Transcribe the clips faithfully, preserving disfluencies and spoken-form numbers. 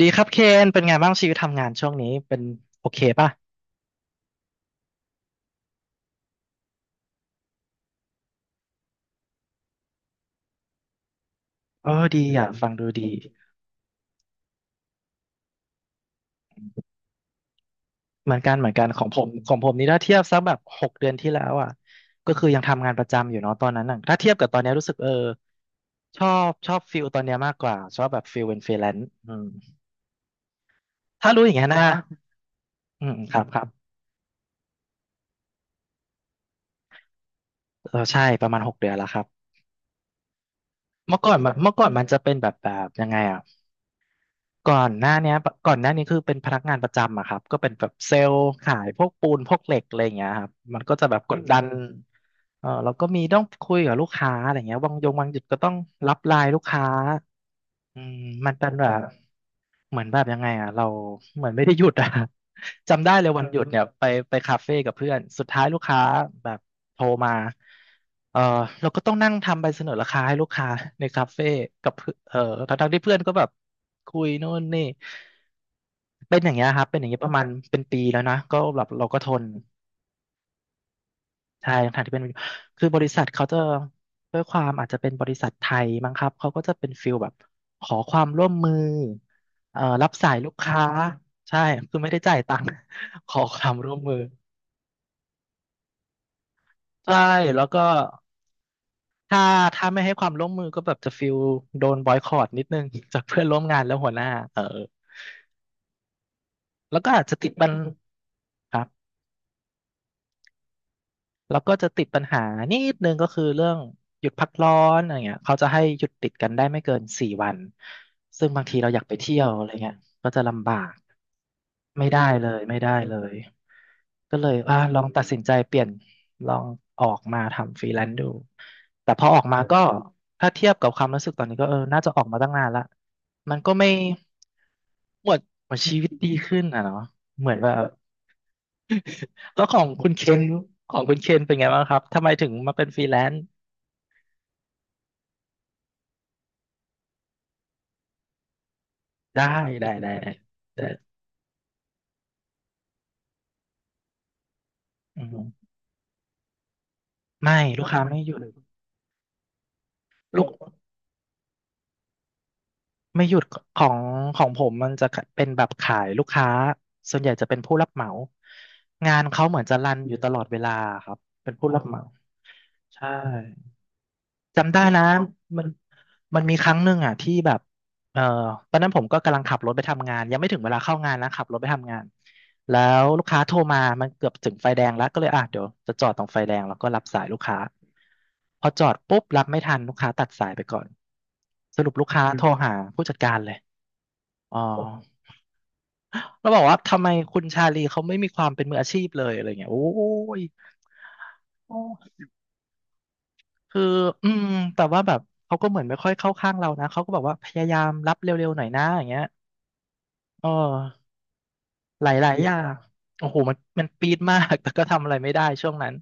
ดีครับเคนเป็นไงบ้างชีวิตทำงานช่วงนี้เป็นโอเคป่ะเออดีอ่ะฟังดูดีเหมือนกันเหมือนกันของผมของผมนี่ถ้าเทียบสักแบบหกเดือนที่แล้วอ่ะก็คือยังทำงานประจำอยู่เนาะตอนนั้นน่ะถ้าเทียบกับตอนนี้รู้สึกเออชอบชอบฟิลตอนเนี้ยมากกว่าชอบแบบฟิลเป็นฟรีแลนซ์อืมถ้ารู้อย่างเงี้ยนะอืมครับครับเออใช่ประมาณหกเดือนแล้วครับเมื่อก่อนมันเมื่อก่อนมันจะเป็นแบบแบบยังไงอ่ะ ก่อนหน้าเนี้ยก่อนหน้านี้คือเป็นพนักงานประจำอะครับก็เป็นแบบเซลล์ขายพวกปูนพวกเหล็กอะไรอย่างเงี้ยครับมันก็จะแบบกอืดดันมเออเราก็มีต้องคุยกับลูกค้าอะไรเงี้ยบางยงบางจุดก็ต้องรับไลน์ลูกค้าอืมมันเป็นแบบ เหมือนแบบยังไงอ่ะเราเหมือนไม่ได้หยุดอ่ะ จำได้เลยวันหยุดเนี่ยไปไปคาเฟ่กับเพื่อนสุดท้ายลูกค้าแบบโทรมาเออเราก็ต้องนั่งทำใบเสนอราคาให้ลูกค้า ในคาเฟ่กับเพื่อนเออทั้งๆที่เพื่อนก็แบบคุยโน่นนี่เป็นอย่างเงี้ยครับเป็นอย่างเงี้ยประมาณเป็นปีแล้วนะก็แบบเราก็ทน ใช่ทางที่เป็นคือบริษัทเขาจะด้วยความอาจจะเป็นบริษัทไทยมั้งครับเขาก็จะเป็นฟิลแบบขอความร่วมมือเอ่อรับสายลูกค้าใช่คือไม่ได้จ่ายตังค์ ขอความร่วมมือใช่แล้วก็ถ้าถ้าไม่ให้ความร่วมมือก็แบบจะฟิลโดนบอยคอตนิดนึงจากเพื่อนร่วมงานและหัวหน้าเออแล้วก็อาจจะติดบันครับ แล้วก็จะติดปัญหานิดนึงก็คือเรื่องหยุดพักร้อนอะไรเงี้ยเขาจะให้หยุดติดกันได้ไม่เกินสี่วันซึ่งบางทีเราอยากไปเที่ยวอะไรเงี้ยก็จะลำบากไม่ได้เลยไม่ได้เลยก็เลยอ่ะลองตัดสินใจเปลี่ยนลองออกมาทำฟรีแลนซ์ดูแต่พอออกมาก็ถ้าเทียบกับความรู้สึกตอนนี้ก็เออน่าจะออกมาตั้งนานละมันก็ไม่หมวดหมืชีวิตดีขึ้นอ่ะเนาะเหมือนว่า แล้วของคุณเคนของคุณเคนเป็นไงบ้างครับ ทำไมถึงมาเป็นฟรีแลนซ์ได้ได้ได้ได้แต่อืมไม่ลูกค้าไม่หยุดลูกไม่หยุดของของผมมันจะเป็นแบบขายลูกค้าส่วนใหญ่จะเป็นผู้รับเหมางานเขาเหมือนจะรันอยู่ตลอดเวลาครับเป็นผู้รับเหมาใช่ จำได้นะมันมันมีครั้งหนึ่งอ่ะที่แบบเอ่อตอนนั้นผมก็กำลังขับรถไปทำงานยังไม่ถึงเวลาเข้างานนะขับรถไปทำงานแล้วลูกค้าโทรมามันเกือบถึงไฟแดงแล้วก็เลยอ่ะเดี๋ยวจะจอดตรงไฟแดงแล้วก็รับสายลูกค้าพอจอดปุ๊บรับไม่ทันลูกค้าตัดสายไปก่อนสรุปลูกค้าอืโทมรมหาผู้จัดการเลยอ๋อเราบอกว่าทำไมคุณชาลีเขาไม่มีความเป็นมืออาชีพเลยอะไรเงี้ยโอ้ย คืออืมแต่ว่าแบบเขาก็เหมือนไม่ค่อยเข้าข้างเรานะเขาก็บอกว่าพยายามรับเร็วๆหน่อยนะอย่างเงี้ยเออหลายๆอย่างโอ้โห มันมันปี๊ดมาก แต่ก็ทำอะไรไม่ได้ช่วงนั้น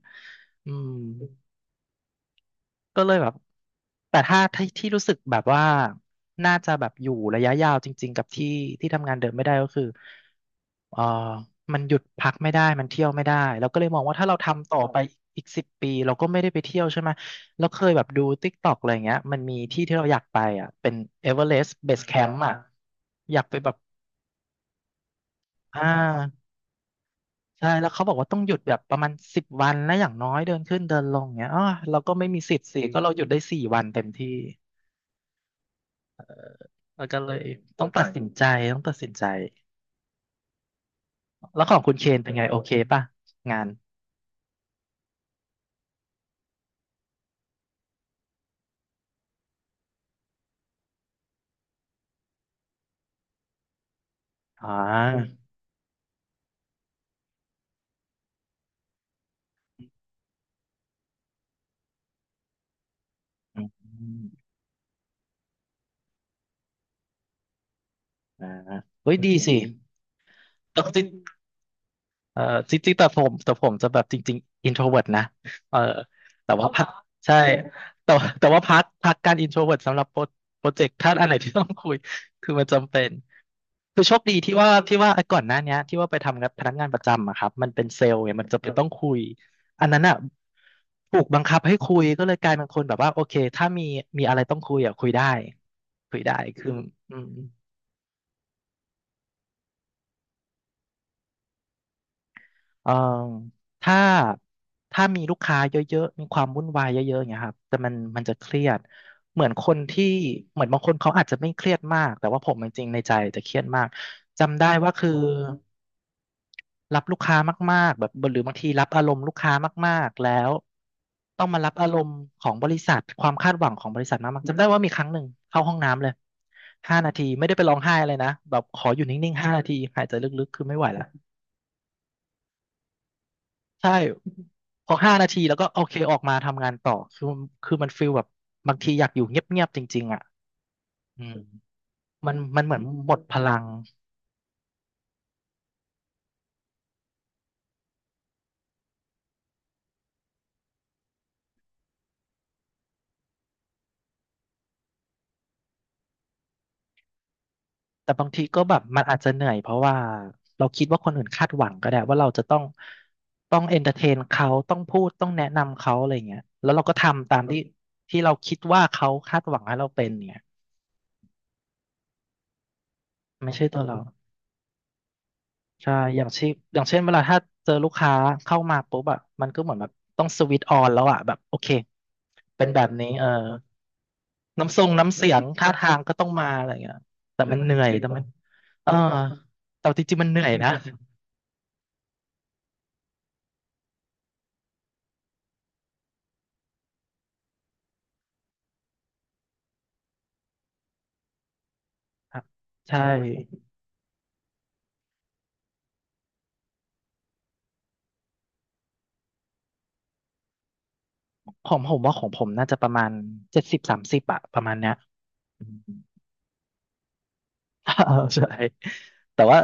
อืมก็เลยแบบแต่ถ้าที่ที่รู้สึกแบบว่าน่าจะแบบอยู่ระยะยาวจริงๆกับที่ที่ทำงานเดิมไม่ได้ก็คือ เอ่อมันหยุดพักไม่ได้มันเที่ยวไม่ได้เราก็เลยมองว่าถ้าเราทำต่อรไปอีกสิบปีเราก็ไม่ได้ไปเที่ยวใช่ไหมแล้วเคยแบบดู ทิกต็อกอะไรเงี้ยมันมีที่ที่เราอยากไปอ่ะเป็นเอเวอเรสต์เบสแคมป์อ่ะอยากไปแบบอ่าใช่แล้วเขาบอกว่าต้องหยุดแบบประมาณสิบวันนะอย่างน้อยเดินขึ้นเดินลงเงี้ยอ๋อเราก็ไม่มีสิทธิ์สิก็เราหยุดได้สี่วันเต็มที่แล้วก็เลยต้องตัดสินใจต้องตัดสินใจแล้วของคุณเคนเป็นไงโอเคป่ะงานอ่า อ่าเฮ้ยดีสิต้องจริงเอ่อจริงๆแต่ผมแต่ผมจะแบบจริงๆ introvert นะเออแต่ว่าพักใช่แต่ว่าแต่ว่าพักพักการ introvert สำหรับโปรโปรเจกต์ถ้าอันไหนที่ต้องคุยคือมันจำเป็นคือโชคดีที่ว่าที่ว่าไอ้ก่อนหน้าเนี้ยที่ว่าไปทำงานพนักงานประจำอะครับมันเป็นเซลล์ไงมันจะเป็นต้องคุยอันนั้นอ่ะถูกบังคับให้คุยก็เลยกลายเป็นคนแบบว่าโอเคถ้ามีมีอะไรต้องคุยอะคุยได้คุยได้คืออืม เอ่อถ้าถ้ามีลูกค้าเยอะๆมีความวุ่นวายเยอะๆอย่างเงี้ยครับแต่มันมันจะเครียดเหมือนคนที่เหมือนบางคนเขาอาจจะไม่เครียดมาก แต่ว่าผมจริงๆในใจจะเครียดมาก จำได้ว่าคือรับลูกค้ามากๆแบบหรือบางทีรับอารมณ์ลูกค้ามากๆ แล้วต้องมารับอารมณ์ของบริษัทความคาดหวังของบริษัทมากๆจำได้ว่ามีครั้งหนึ่งเข้าห้องน้ำเลยห้านาทีไม่ได้ไปร้องไห้อะไรนะแบบขออยู่นิ่งๆห้านาทีหายใจลึกๆคือไม่ไหวละ ใช่พอห้านาทีแล้วก็โอเคออกมาทำงานต่อคือคือมันฟีลแบบบางทีอยากอยู่เงียบๆจริงๆอ่ะอืมมันมันเหมือนหมดพลังแต่บางทีก็แบบมันอาจจะเหนื่อยเพราะว่าเราคิดว่าคนอื่นคาดหวังก็ได้ว่าเราจะต้องต้องเอนเตอร์เทนเขาต้องพูดต้องแนะนำเขาอะไรเงี้ยแล้วเราก็ทำตามที่ที่เราคิดว่าเขาคาดหวังให้เราเป็นเนี่ยไม่ใช่ตัวเรา ใช่อย่างเช่นอย่างเช่นเวลาถ้าเจอลูกค้าเข้ามาปุ๊บอะมันก็เหมือนแบบต้องสวิตช์ออนแล้วอะแบบโอเค เป็นแบบนี้เออน้ำทรงน้ำเสียงท่าทางก็ต้องมาอะไรเงี้ยแต่มันเหนื่อยแต่มันเออแต่จริงๆมันเหนื่อยนะครับใช่ผมผมว่าของผมน่าจะประมาณเจ็ดสิบสามสิบอะประมาณเนี้ย อืมเออใช่แต่ว่า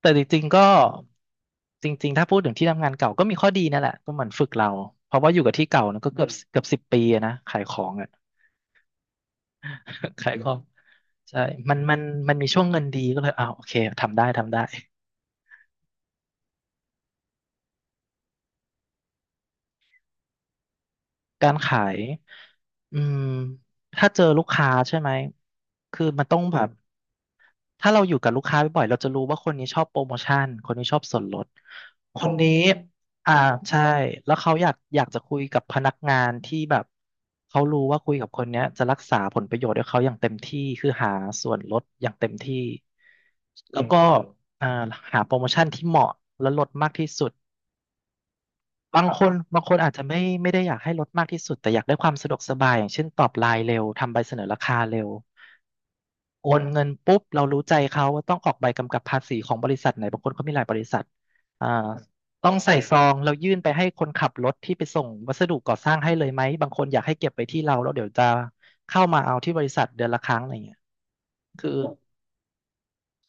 แต่จริงๆก็จริงๆถ้าพูดถึงที่ทำงานเก่าก็มีข้อดีนั่นแหละก็เหมือนฝึกเราเพราะว่าอยู่กับที่เก่านะก็เกือบเกือบสิบปีอะนะขายของอ่ะ ขายของใช่มันมันมันมีช่วงเงินดีก็เลยอ้าวโอเคทำได้ทำได้การขายอืมถ้าเจอลูกค้าใช่ไหมคือมันต้องแบบ ถ้าเราอยู่กับลูกค้าบ่อยๆเราจะรู้ว่าคนนี้ชอบโปรโมชั่นคนนี้ชอบส่วนลดคนนี้อ่าใช่แล้วเขาอยากอยากจะคุยกับพนักงานที่แบบเขารู้ว่าคุยกับคนเนี้ยจะรักษาผลประโยชน์ให้เขาอย่างเต็มที่คือหาส่วนลดอย่างเต็มที่อแล้วก็ออ่าหาโปรโมชั่นที่เหมาะและลดมากที่สุดบางคนบางคนอาจจะไม่ไม่ได้อยากให้ลดมากที่สุดแต่อยากได้ความสะดวกสบายอย่างเช่นตอบไลน์เร็วทำใบเสนอราคาเร็ว โอนเงินปุ๊บเรารู้ใจเขาว่าต้องออกใบกำกับภาษีของบริษัทไหนบางคนเขามีหลายบริษัทอ่าต้องใส่ซองเรายื่นไปให้คนขับรถที่ไปส่งวัสดุก่อสร้างให้เลยไหมบางคนอยากให้เก็บไว้ที่เราแล้วเดี๋ยวจะเข้ามาเอาที่บริษัทเดือนละครั้งอะไรเงี้ยคือ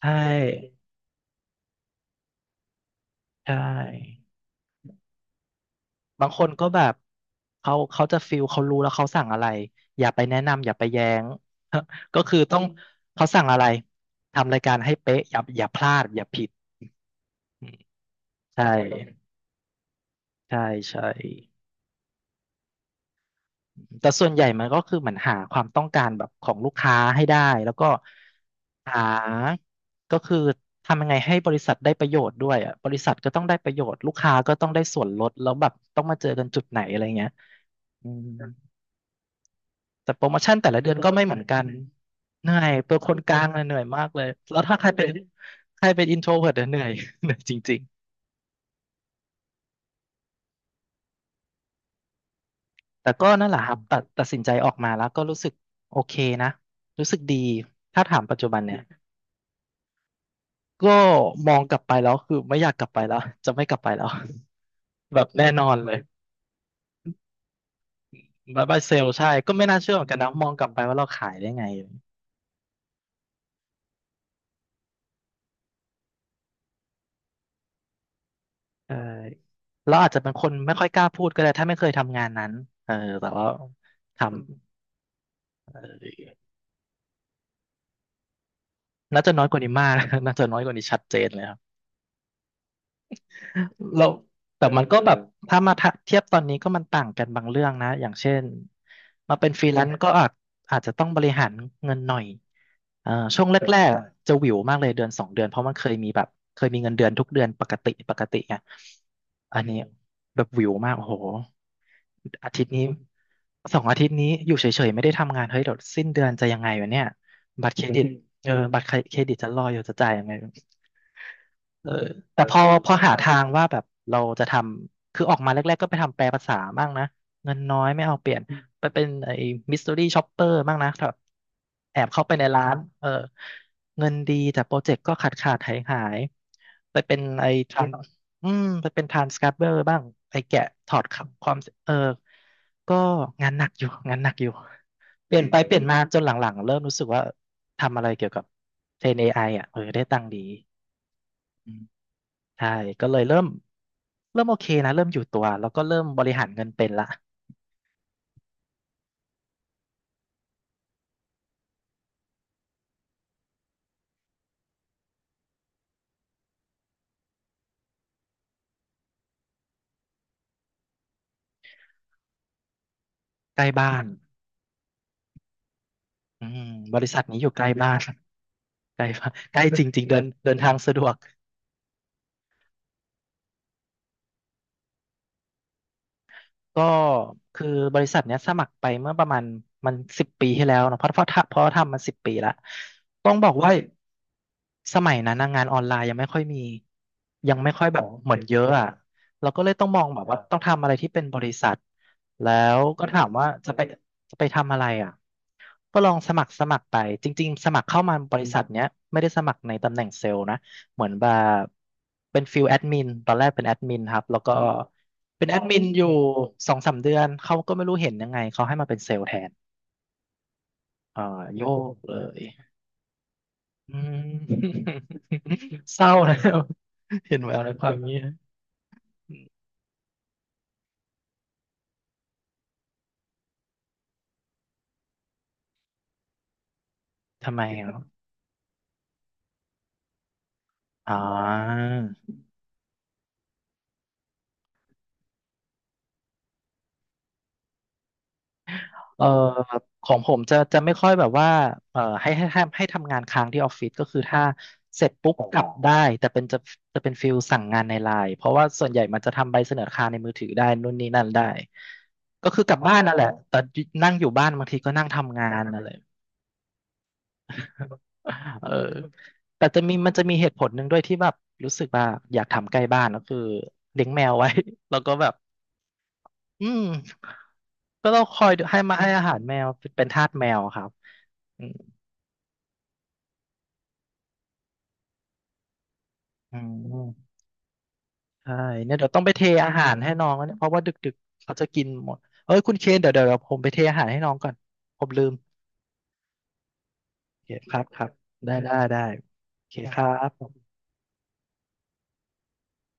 ใช่ใช่บางคนก็แบบเขาเขาจะฟิลเขารู้แล้วเขาสั่งอะไรอย่าไปแนะนำอย่าไปแย้ง ก็คือต้องเขาสั่งอะไรทำรายการให้เป๊ะอย่าอย่าพลาดอย่าผิดใช่ใช่ใช่ แต่ส่วนใหญ่มันก็คือเหมือนหาความต้องการแบบของลูกค้าให้ได้แล้วก็หาก็คือทำยังไงให้บริษัทได้ประโยชน์ด้วยอ่ะบริษัทก็ต้องได้ประโยชน์ลูกค้าก็ต้องได้ส่วนลดแล้วแบบต้องมาเจอกันจุดไหนอะไรเงี้ยอืมแต่โปรโมชั่นแต่ละเดือนก็ไม่เหมือนกันเหนื่อยเป็นคนกลางเลยเหนื่อยมากเลยแล้วถ้าใครเป็นใครเป็นอินโทรเวิร์ตเหนื่อยเหนื่อยจริงๆแต่ก็นั่นแหละครับตัดตัดสินใจออกมาแล้วก็รู้สึกโอเคนะรู้สึกดีถ้าถามปัจจุบันเนี่ย ก็มองกลับไปแล้วคือไม่อยากกลับไปแล้วจะไม่กลับไปแล้ว แบบแน่นอนเลยบายบายเซลใช่ก็ไม่น่าเชื่อเหมือนกันนะมองกลับไปว่าเราขายได้ไงเออเราอาจจะเป็นคนไม่ค่อยกล้าพูดก็ได้ถ้าไม่เคยทำงานนั้นเออแต่ว่าทำน่าจะน้อยกว่านี้มาก น่าจะน้อยกว่านี้ชัดเจนเลยครับ เราแต่มันก็แบบถ้ามาทะเทียบตอนนี้ก็มันต่างกันบางเรื่องนะอย่างเช่นมาเป็นฟรีแลนซ์ก็อาจอาจจะต้องบริหารเงินหน่อยเอ่อช่วงแรกๆอะจะหวิวมากเลยเดือนสองเดือนเพราะมันเคยมีแบบเคยมีเงินเดือนทุกเดือนปกติปกติไงอันนี้แบบหวิวมากโอ้โหอาทิตย์นี้สองอาทิตย์นี้อยู่เฉยๆไม่ได้ทำงานเฮ้ยเดี๋ยวสิ้นเดือนจะยังไงวะเนี่ยบัตรเครดิตอืมเออบัตรเครดิตจะรออยู่จะจ่ายยังไง เออแต่พอพอหาทางว่าแบบเราจะทำคือออกมาแรกๆก็ไปทำแปลภาษาบ้างนะเงินน้อยไม่เอาเปลี่ยนไปเป็นไอ้มิส t ต r y ี่ช็อปเปอร์บ้างนะแบบแอบเข้าไปในร้านเออเงินดีแต่โปรเจกต์ก็ขาดขาดหายหายๆไปเป็นไอ้ทรานอืมไปเป็นทรานสคริปเบอร์บ้างไอ้แกะถอดความเออก็งานหนักอยู่งานหนักอยู่เปลี่ยนไปเปลี่ยนมาจนหลังๆเริ่มรู้สึกว่าทำอะไรเกี่ยวกับเทรน เอ ไอ อไออ่ะเออได้ตังค์ดี ใช่ก็เลยเริ่มเริ่มโอเคนะ เริ่มอยู่ตัว แล้วก็เริ่มบริหารเงินเป็นละใกล้บ้านอืมบริษัทนี้อยู่ใกล้บ้านใกล้บ้านใกล้จริงๆเดินเดินทางสะดวก ก็คือบริษัทเนี้ยสมัครไปเมื่อประมาณมันสิบปีที่แล้วเนอะเพราะเพราะทำเพราะทำมันสิบปีละต้องบอกว่าสมัยนั้นนะงานออนไลน์ยังไม่ค่อยมียังไม่ค่อยแบบเหมือนเยอะอ่ะเราก็เลยต้องมองแบบว่าต้องทำอะไรที่เป็นบริษัทแล้วก็ถามว่าจะไปจะไปทำอะไรอ่ะก็ลองสมัครสมัครไปจริงๆสมัครเข้ามาบริษัทเนี้ยไม่ได้สมัครในตำแหน่งเซลล์นะเหมือนแบบเป็นฟิลแอดมินตอนแรกเป็นแอดมินครับแล้วก็ เป็นแอดมินอยู่สองสามเดือนเขาก็ไม่รู้เห็นยังไงเขาให้มาเป็นเซลล์แทนอ่าโยกเลยอืม เศร้าแล้วเห็นแววในความเงี้ยทำไมครับอ่าเอ่อของผมจะจะไม่ค่อยแบบว่าเอ่อให้ให้ให้ให้ทำงานค้างที่ออฟฟิศก็คือถ้าเสร็จปุ๊บกลับได้แต่เป็นจะจะเป็นฟิลสั่งงานในไลน์เพราะว่าส่วนใหญ่มันจะทำใบเสนอราในมือถือได้นู่นนี่นั่นได้ก็คือกลับบ้านนั่นแหละแต่นั่งอยู่บ้านบางทีก็นั่งทำงานนั่นแหละ เออแต่จะมีมันจะมีเหตุผลหนึ่งด้วยที่แบบรู้สึกว่าอยากทำใกล้บ้านก็คือเลี้ยงแมวไว้ แล้วก็แบบอืมก็ต้องคอยให้มาให้อาหารแมวเป็นทาสแมวครับอืมอืมใช่เนี่ยเดี๋ยวต้องไปเทอาหารให้น้องแล้วเนี่ยเพราะว่าดึกๆเขาจะกินหมดเอ้ยคุณเคนเดี๋ยวเดี๋ยวเดี๋ยวผมไปเทอาหารให้น้องก่อนผมลืมโอเคครับครับได้ได้ได้โอเคครับ